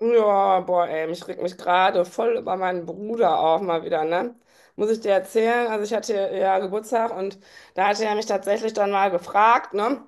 Ja, boah, ey, ich reg mich gerade voll über meinen Bruder auf, mal wieder, ne? Muss ich dir erzählen? Also ich hatte ja Geburtstag und da hatte er mich tatsächlich dann mal gefragt, ne?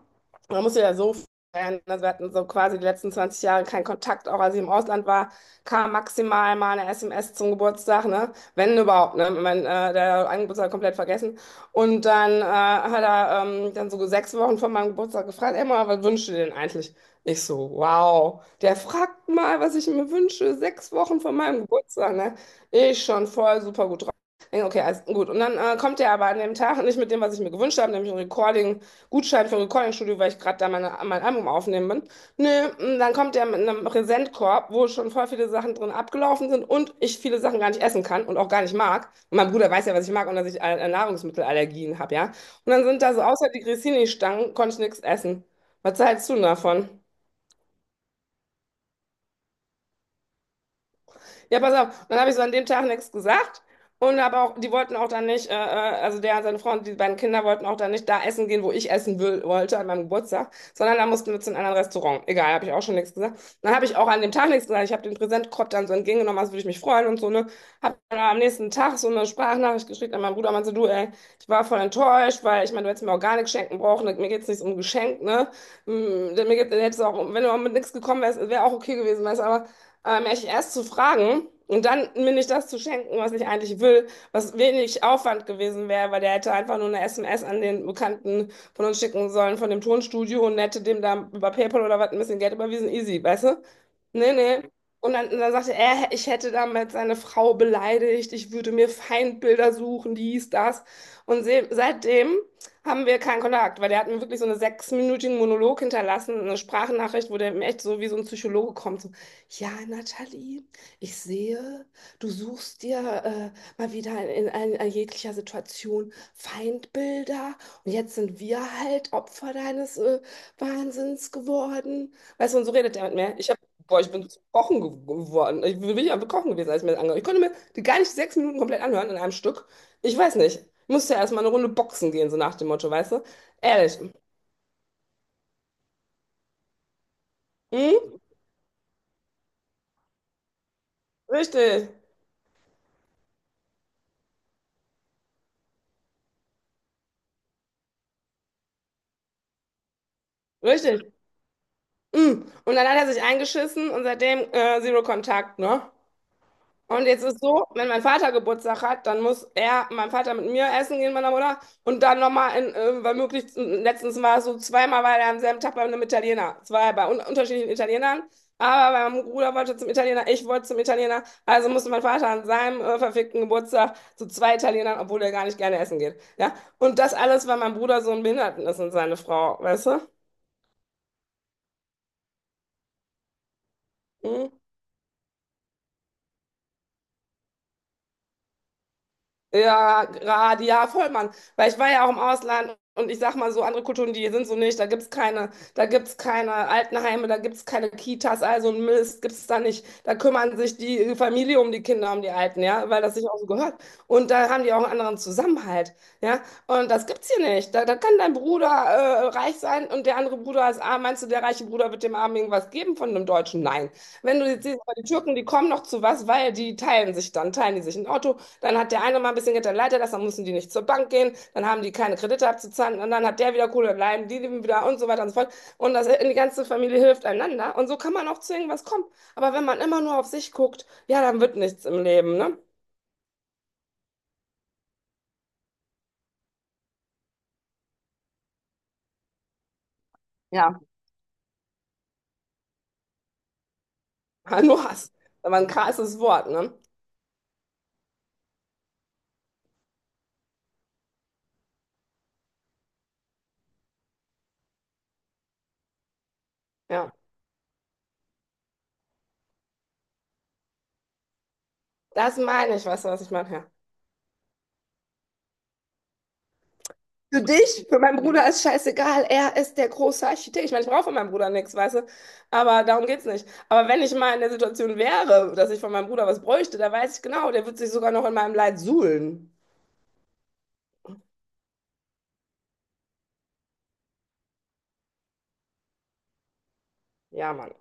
Man muss sich ja so vorstellen, also wir hatten so quasi die letzten 20 Jahre keinen Kontakt, auch als ich im Ausland war, kam maximal mal eine SMS zum Geburtstag, ne? Wenn überhaupt, ne? Ich mein, der einen Geburtstag komplett vergessen. Und dann hat er dann so 6 Wochen vor meinem Geburtstag gefragt, ey, Mama, was wünschst du dir denn eigentlich? Ich so, wow, der fragt mal, was ich mir wünsche, 6 Wochen vor meinem Geburtstag, ne? Ich schon voll super gut drauf. Denk, okay, alles gut. Und dann kommt er aber an dem Tag nicht mit dem, was ich mir gewünscht habe, nämlich ein Recording, Gutschein für ein Recording-Studio, weil ich gerade da mein Album aufnehmen bin. Nö, und dann kommt er mit einem Präsentkorb, wo schon voll viele Sachen drin abgelaufen sind und ich viele Sachen gar nicht essen kann und auch gar nicht mag. Und mein Bruder weiß ja, was ich mag und dass ich Nahrungsmittelallergien habe, ja? Und dann sind da so außer die Grissini-Stangen, konnte ich nichts essen. Was hältst du denn davon? Ja, pass auf. Dann habe ich so an dem Tag nichts gesagt. Und aber auch, die wollten auch dann nicht, also der und seine Frau und die beiden Kinder wollten auch dann nicht da essen gehen, wo ich essen will, wollte an meinem Geburtstag, sondern da mussten wir zu einem anderen Restaurant. Egal, habe ich auch schon nichts gesagt. Dann habe ich auch an dem Tag nichts gesagt. Ich habe den Präsentkorb dann so entgegengenommen, als würde ich mich freuen und so, ne? Habe dann am nächsten Tag so eine Sprachnachricht geschickt an meinen Bruder, meinte, du, ey, ich war voll enttäuscht, weil ich meine, du hättest mir auch gar nichts schenken brauchen, mir geht's nicht um Geschenk, ne? Mir geht, hättest du auch, wenn du auch mit nichts gekommen wärst, wäre auch okay gewesen, weißt du, aber mich erst zu fragen und dann mir nicht das zu schenken, was ich eigentlich will, was wenig Aufwand gewesen wäre, weil der hätte einfach nur eine SMS an den Bekannten von uns schicken sollen, von dem Tonstudio und hätte dem da über PayPal oder was ein bisschen Geld überwiesen, easy, weißt du? Nee, nee. Und dann sagte er, ich hätte damit seine Frau beleidigt, ich würde mir Feindbilder suchen, dies, das. Und se seitdem haben wir keinen Kontakt, weil der hat mir wirklich so einen sechsminütigen Monolog hinterlassen, eine Sprachnachricht, wo der mir echt so wie so ein Psychologe kommt. So, ja, Nathalie, ich sehe, du suchst dir mal wieder in jeglicher Situation Feindbilder und jetzt sind wir halt Opfer deines Wahnsinns geworden. Weißt du, und so redet er mit mir. Ich hab, boah, ich bin zu Kochen geworden. Ich bin ja am Kochen gewesen, als ich mir das angehört. Ich konnte mir die gar nicht 6 Minuten komplett anhören in einem Stück. Ich weiß nicht. Ich musste ja erstmal eine Runde boxen gehen, so nach dem Motto, weißt du? Ehrlich. Hm? Richtig. Richtig. Mm. Und dann hat er sich eingeschissen und seitdem Zero Kontakt, ne? Und jetzt ist so, wenn mein Vater Geburtstag hat, dann muss er, mein Vater mit mir essen gehen, meiner Mutter, und dann nochmal in, weil möglichst, letztens war es so zweimal, weil er am selben Tag bei einem Italiener, es war ja bei un unterschiedlichen Italienern, aber bei meinem Bruder wollte zum Italiener, ich wollte zum Italiener, also musste mein Vater an seinem verfickten Geburtstag zu zwei Italienern, obwohl er gar nicht gerne essen geht, ja? Und das alles, weil mein Bruder so ein Behinderten ist und seine Frau, weißt du? Hm? Ja, gerade, ja, voll, Mann. Weil ich war ja auch im Ausland und ich sag mal so, andere Kulturen, die sind so nicht, da gibt's keine Altenheime, da gibt's keine Kitas, also ein Mist gibt's da nicht. Da kümmern sich die Familie um die Kinder, um die Alten, ja, weil das sich auch so gehört. Und da haben die auch einen anderen Zusammenhalt, ja. Und das gibt's hier nicht. Da kann dein Bruder reich sein und der andere Bruder ist arm. Meinst du, der reiche Bruder wird dem Armen irgendwas geben von einem Deutschen? Nein. Wenn du jetzt siehst, aber die Türken, die kommen noch zu was, weil die teilen sich dann, teilen die sich ein Auto, dann hat der eine mal ein bisschen Geld, dann leiht das, dann müssen die nicht zur Bank gehen, dann haben die keine Kredite abzuzahlen und dann hat der wieder Kohle, dann leiden die leben wieder und so weiter und so fort. Und das, die ganze Familie hilft einander und so kann man auch zu irgendwas kommen. Aber wenn man immer nur auf sich guckt, ja, dann wird nichts im Leben, ne? Ja. Ja, nur Hass. Aber ein krasses Wort, ne? Ja, das meine ich, weißt du, was ich meine? Ja. Für dich, für meinen Bruder ist scheißegal, er ist der große Architekt. Ich meine, ich brauche von meinem Bruder nichts, weißt du? Aber darum geht's nicht. Aber wenn ich mal in der Situation wäre, dass ich von meinem Bruder was bräuchte, da weiß ich genau, der wird sich sogar noch in meinem Leid suhlen. Ja, Mann.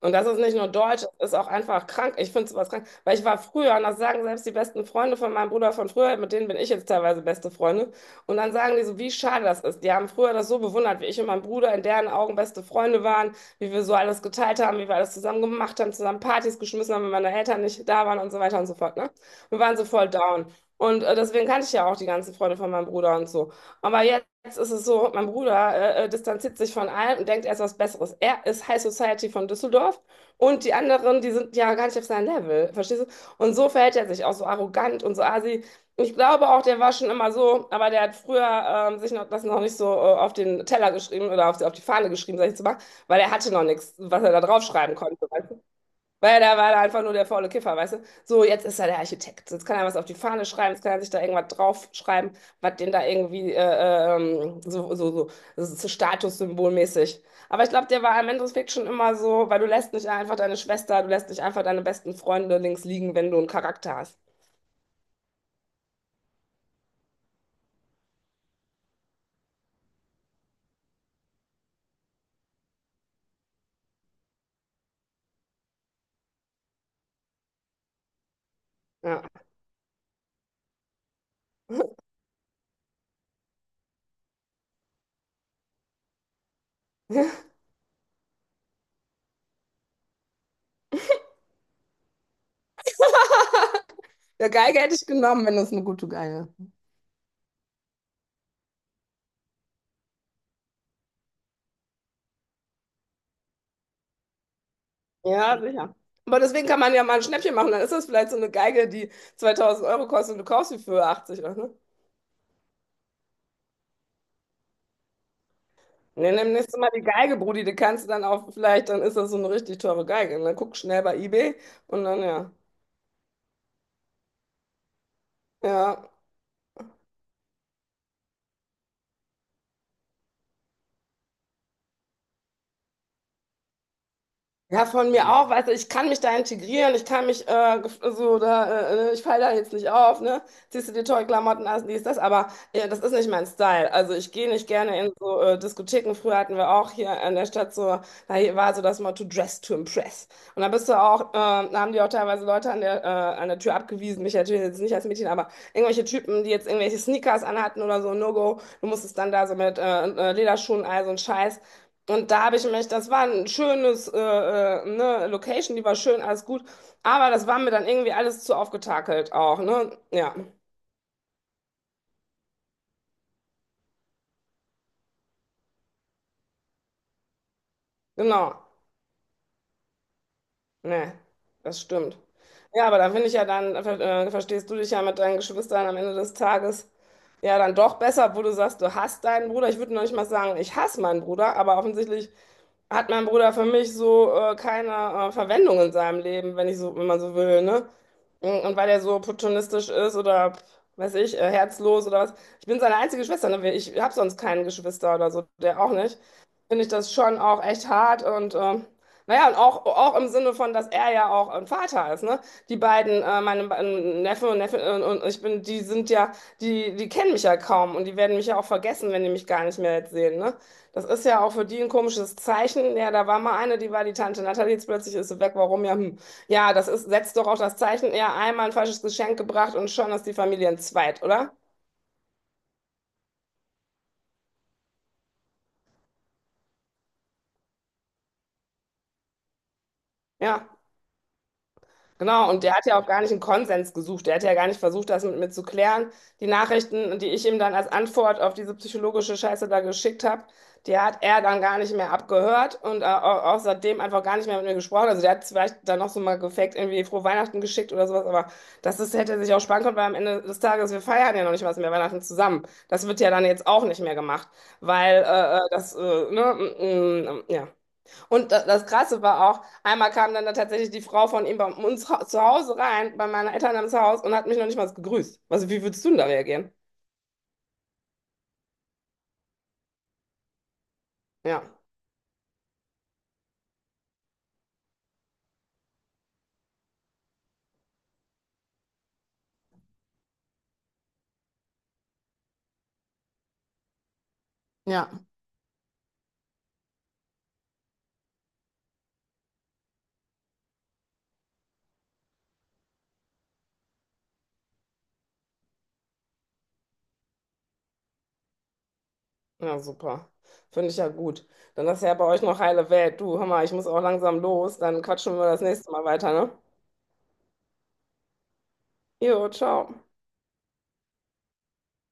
Und das ist nicht nur deutsch, das ist auch einfach krank. Ich finde sowas krank, weil ich war früher, und das sagen selbst die besten Freunde von meinem Bruder von früher, mit denen bin ich jetzt teilweise beste Freunde. Und dann sagen die so, wie schade das ist. Die haben früher das so bewundert, wie ich und mein Bruder in deren Augen beste Freunde waren, wie wir so alles geteilt haben, wie wir alles zusammen gemacht haben, zusammen Partys geschmissen haben, wenn meine Eltern nicht da waren und so weiter und so fort. Ne? Wir waren so voll down. Und deswegen kannte ich ja auch die ganzen Freunde von meinem Bruder und so. Aber jetzt ist es so, mein Bruder distanziert sich von allem und denkt, er ist was Besseres. Er ist High Society von Düsseldorf und die anderen, die sind ja gar nicht auf seinem Level, verstehst du? Und so verhält er sich auch so arrogant und so assi. Ich glaube auch, der war schon immer so, aber der hat früher sich noch, das noch nicht so auf den Teller geschrieben oder auf die Fahne geschrieben, sag ich zu machen, weil er hatte noch nichts, was er da draufschreiben konnte. Weil da war er einfach nur der faule Kiffer, weißt du? So, jetzt ist er der Architekt. Jetzt kann er was auf die Fahne schreiben, jetzt kann er sich da irgendwas draufschreiben, was den da irgendwie das ist so statussymbolmäßig. Aber ich glaube, der war im Endeffekt schon immer so, weil du lässt nicht einfach deine Schwester, du lässt nicht einfach deine besten Freunde links liegen, wenn du einen Charakter hast. Ja. Ja, Geige hätte ich genommen, wenn das eine gute Geige. Ja, sicher. Aber deswegen kann man ja mal ein Schnäppchen machen. Dann ist das vielleicht so eine Geige, die 2000 Euro kostet und du kaufst sie für 80, oder? So, ne? Nee, nimm nächstes Mal die Geige, Brudi, die kannst du dann auch vielleicht, dann ist das so eine richtig teure Geige. Ne? Guck schnell bei eBay und dann ja. Ja. Ja, von mir auch, weißt du, ich kann mich da integrieren, ich kann mich so da, ich falle da jetzt nicht auf, ne? Ziehst du dir tolle Klamotten an, dies, das, aber das ist nicht mein Style. Also ich gehe nicht gerne in so Diskotheken. Früher hatten wir auch hier in der Stadt so, da hier war so das Motto Dress to Impress. Und da bist du auch, da haben die auch teilweise Leute an der Tür abgewiesen, mich natürlich jetzt nicht als Mädchen, aber irgendwelche Typen, die jetzt irgendwelche Sneakers anhatten oder so, No-Go, du musstest dann da so mit Lederschuhen, all so ein Scheiß. Und da habe ich mich, das war ein schönes, ne, Location, die war schön, alles gut. Aber das war mir dann irgendwie alles zu aufgetakelt auch, ne? Ja, genau. Ne, das stimmt. Ja, aber da finde ich ja dann, verstehst du dich ja mit deinen Geschwistern am Ende des Tages ja dann doch besser, wo du sagst, du hasst deinen Bruder. Ich würde noch nicht mal sagen, ich hasse meinen Bruder, aber offensichtlich hat mein Bruder für mich so keine Verwendung in seinem Leben, wenn ich so, wenn man so will, ne? Und weil er so opportunistisch ist oder weiß ich, herzlos oder was. Ich bin seine einzige Schwester, ne? Ich habe sonst keinen Geschwister oder so, der auch nicht. Finde ich das schon auch echt hart und naja, und auch im Sinne von, dass er ja auch ein Vater ist, ne? Die beiden, meine Neffe und Neffe und ich bin, die sind ja, die kennen mich ja kaum und die werden mich ja auch vergessen, wenn die mich gar nicht mehr jetzt sehen, ne? Das ist ja auch für die ein komisches Zeichen. Ja, da war mal eine, die war die Tante Natalie, jetzt plötzlich ist sie weg. Warum? Ja, hm. Ja, das ist, setzt doch auch das Zeichen, ja, einmal ein falsches Geschenk gebracht und schon ist die Familie entzweit, oder? Ja. Genau, und der hat ja auch gar nicht einen Konsens gesucht. Der hat ja gar nicht versucht, das mit mir zu klären. Die Nachrichten, die ich ihm dann als Antwort auf diese psychologische Scheiße da geschickt habe, die hat er dann gar nicht mehr abgehört und außerdem einfach gar nicht mehr mit mir gesprochen. Also der hat vielleicht dann noch so mal gefaked, irgendwie frohe Weihnachten geschickt oder sowas, aber das ist, hätte er sich auch sparen können, weil am Ende des Tages, wir feiern ja noch nicht was mehr Weihnachten zusammen. Das wird ja dann jetzt auch nicht mehr gemacht, weil das, ne, mm, mm, ja. Und das Krasse war auch, einmal kam dann da tatsächlich die Frau von ihm bei uns zu Hause rein, bei meinen Eltern ins Haus und hat mich noch nicht mal gegrüßt. Also, wie würdest du denn da reagieren? Ja, ja, ja, super. Finde ich ja gut. Dann ist ja bei euch noch heile Welt. Du, hör mal, ich muss auch langsam los. Dann quatschen wir das nächste Mal weiter, ne? Jo, ciao.